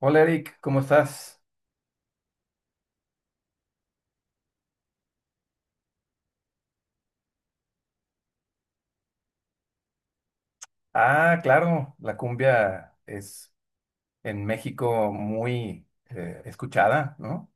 Hola Eric, ¿cómo estás? Ah, claro, la cumbia es en México muy escuchada, ¿no?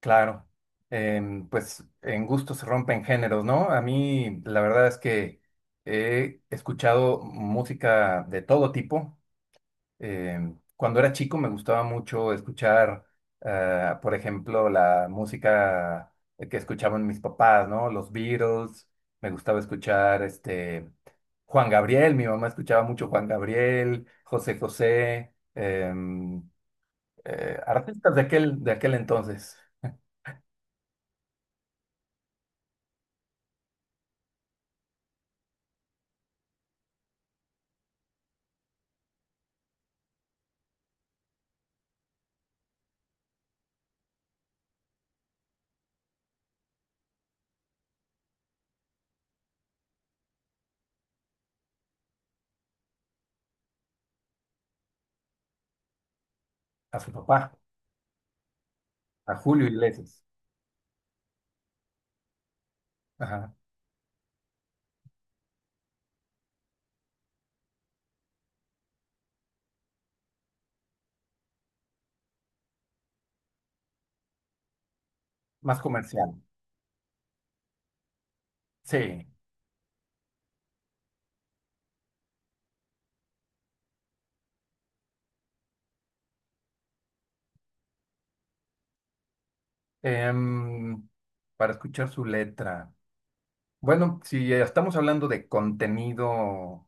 Claro. Pues en gustos se rompen géneros, ¿no? A mí la verdad es que he escuchado música de todo tipo. Eh, Cuando era chico me gustaba mucho escuchar, por ejemplo, la música que escuchaban mis papás, ¿no? Los Beatles, me gustaba escuchar Juan Gabriel. Mi mamá escuchaba mucho Juan Gabriel, José José, artistas de aquel entonces, a su papá, a Julio Iglesias, ajá, más comercial, sí. Em, para escuchar su letra. Bueno, si ya estamos hablando de contenido,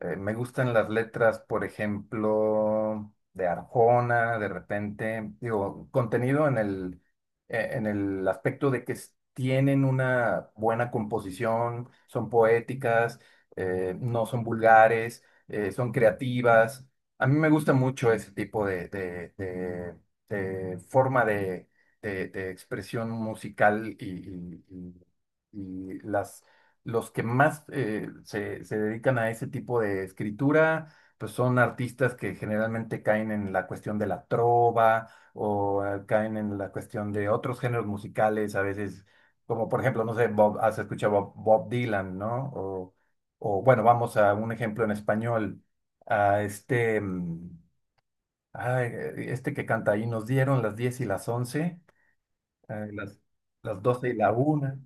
me gustan las letras, por ejemplo, de Arjona. De repente, digo, contenido en el aspecto de que tienen una buena composición, son poéticas, no son vulgares, son creativas. A mí me gusta mucho ese tipo de forma de expresión musical y las los que más se dedican a ese tipo de escritura, pues son artistas que generalmente caen en la cuestión de la trova o caen en la cuestión de otros géneros musicales a veces, como por ejemplo, no sé, has escuchado Bob Dylan, ¿no? O bueno, vamos a un ejemplo en español, a este que canta ahí, nos dieron las 10 y las once, eh, las, las 12 y la una.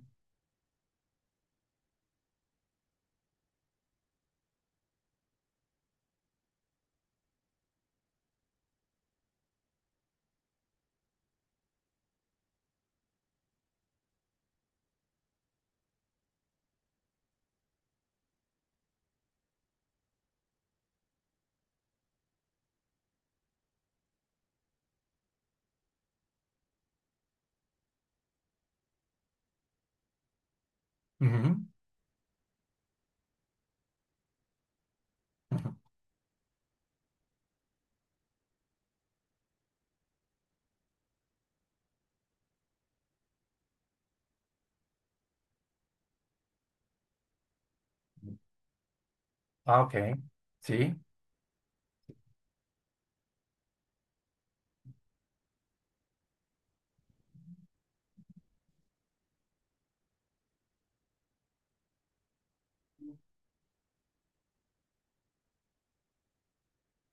Ujú. Ah, ok. Sí.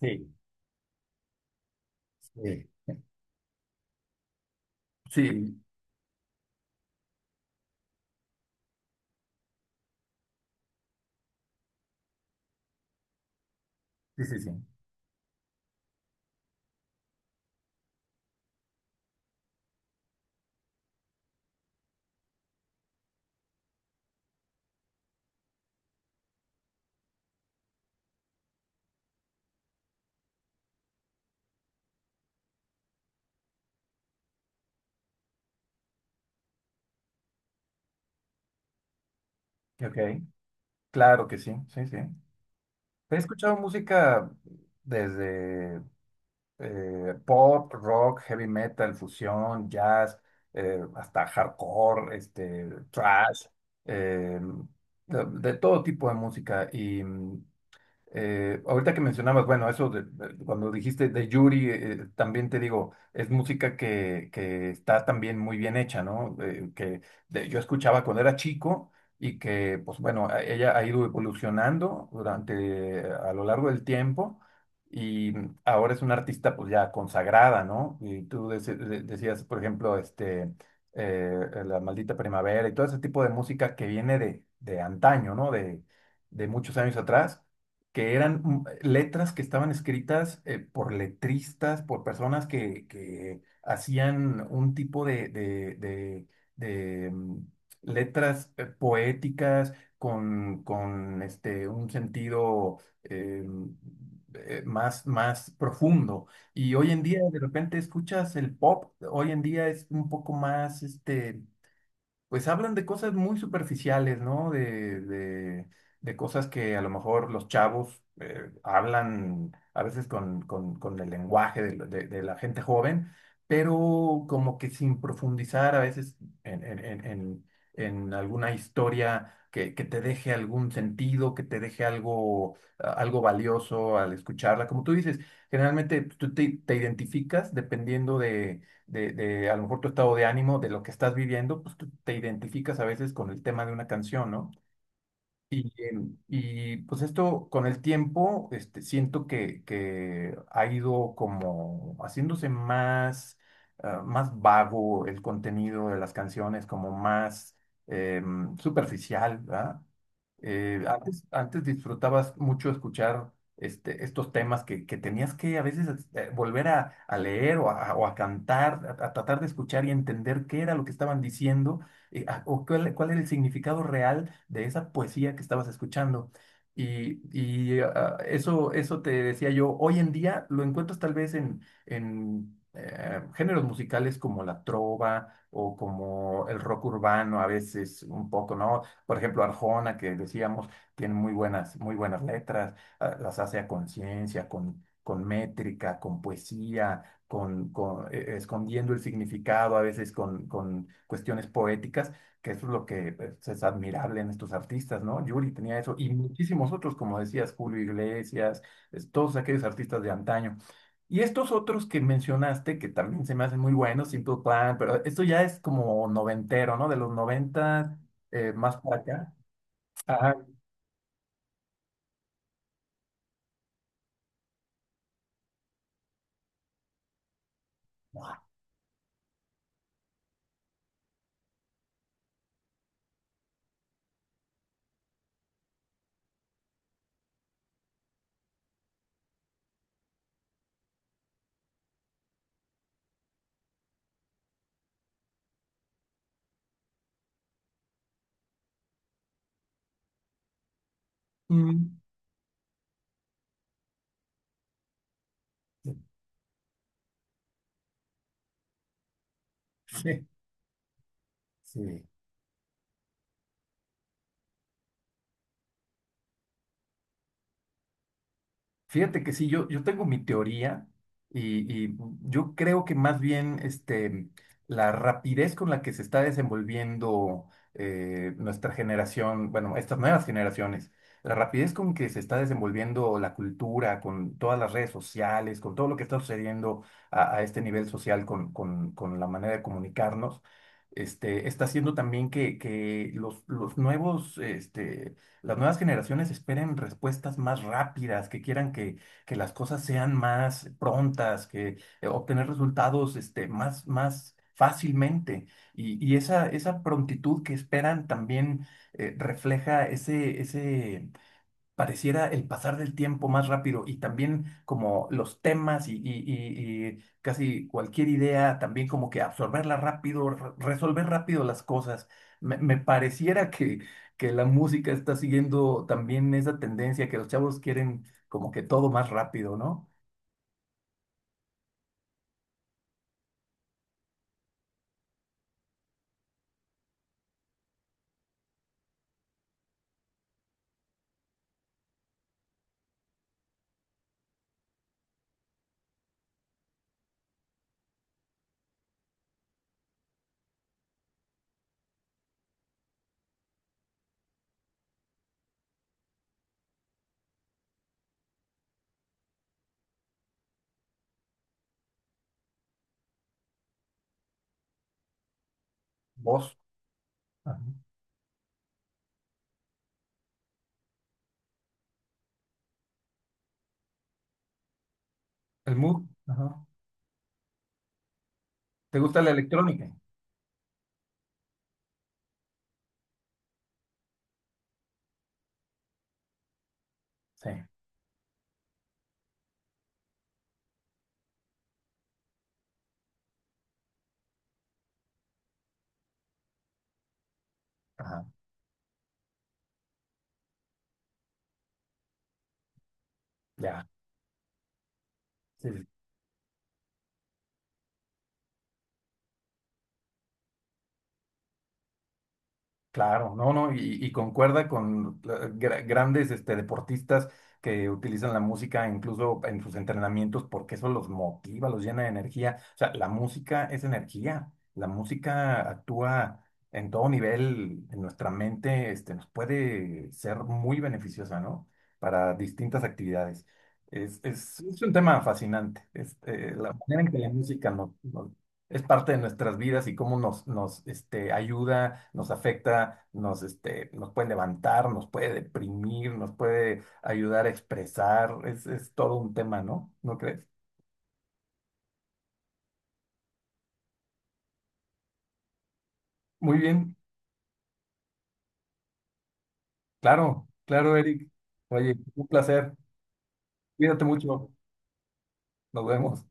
Sí, sí, sí, sí, sí, sí. Ok, claro que sí, sí, sí. He escuchado música desde pop, rock, heavy metal, fusión, jazz, hasta hardcore, thrash, eh, de todo tipo de música. Ahorita que mencionabas, bueno, eso cuando dijiste de Yuri, también te digo, es música que está también muy bien hecha, ¿no? Que yo escuchaba cuando era chico y que, pues bueno, ella ha ido evolucionando durante, a lo largo del tiempo, y ahora es una artista pues ya consagrada, ¿no? Y tú decías, por ejemplo, La Maldita Primavera y todo ese tipo de música que viene de antaño, ¿no? De muchos años atrás, que eran letras que estaban escritas por letristas, por personas que hacían un tipo de letras poéticas con un sentido más, más profundo. Y hoy en día de repente escuchas el pop, hoy en día es un poco más pues hablan de cosas muy superficiales, ¿no? De cosas que a lo mejor los chavos hablan a veces con el lenguaje de de la gente joven, pero como que sin profundizar a veces en, en- en- en- en alguna historia que te deje algún sentido, que te deje algo valioso al escucharla. Como tú dices, generalmente pues tú te identificas dependiendo de a lo mejor tu estado de ánimo, de lo que estás viviendo. Pues tú te identificas a veces con el tema de una canción, ¿no? Y, em, y pues esto con el tiempo, siento que ha ido como haciéndose más vago el contenido de las canciones, como más superficial, ¿verdad? Antes, antes disfrutabas mucho escuchar estos temas que tenías que a veces volver a leer o a cantar, a tratar de escuchar y entender qué era lo que estaban diciendo, o cuál, cuál era el significado real de esa poesía que estabas escuchando. Y ah, eso te decía yo, hoy en día lo encuentras tal vez en géneros musicales como la trova o como el rock urbano a veces un poco, ¿no? Por ejemplo, Arjona, que decíamos, tiene muy buenas letras. Ah, las hace a conciencia, con métrica, con poesía, con, escondiendo el significado, a veces con cuestiones poéticas, que eso es lo que pues, es admirable en estos artistas, ¿no? Yuri tenía eso, y muchísimos otros, como decías, Julio Iglesias, todos aquellos artistas de antaño. Y estos otros que mencionaste, que también se me hacen muy buenos, Simple Plan, pero esto ya es como noventero, ¿no? De los noventas, más para acá. Ajá. Mm. Sí, sí. Fíjate que sí. Yo yo tengo mi teoría, y yo creo que más bien la rapidez con la que se está desenvolviendo nuestra generación, bueno, estas nuevas generaciones, la rapidez con que se está desenvolviendo la cultura, con todas las redes sociales, con todo lo que está sucediendo a este nivel social, con la manera de comunicarnos, está haciendo también que los nuevos, las nuevas generaciones esperen respuestas más rápidas, que quieran que las cosas sean más prontas, que obtener resultados más, más fácilmente. Y esa, esa prontitud que esperan también refleja ese, ese pareciera el pasar del tiempo más rápido, y también como los temas y casi cualquier idea, también como que absorberla rápido, resolver rápido las cosas. Me pareciera que la música está siguiendo también esa tendencia, que los chavos quieren como que todo más rápido, ¿no? Voz, ajá, el mood, ajá. ¿Te gusta la electrónica? Sí, ajá, ya. Sí, sí, sí. Claro, no, no, y concuerda con grandes deportistas que utilizan la música incluso en sus entrenamientos porque eso los motiva, los llena de energía. O sea, la música es energía, la música actúa en todo nivel en nuestra mente, nos puede ser muy beneficiosa, ¿no? Para distintas actividades. Es un tema fascinante, la manera en que la música nos, nos es parte de nuestras vidas, y cómo nos, nos ayuda, nos afecta, nos, nos puede levantar, nos puede deprimir, nos puede ayudar a expresar. Es todo un tema, ¿no? ¿No crees? Muy bien, claro, claro, Eric. Oye, un placer. Cuídate mucho. Nos vemos.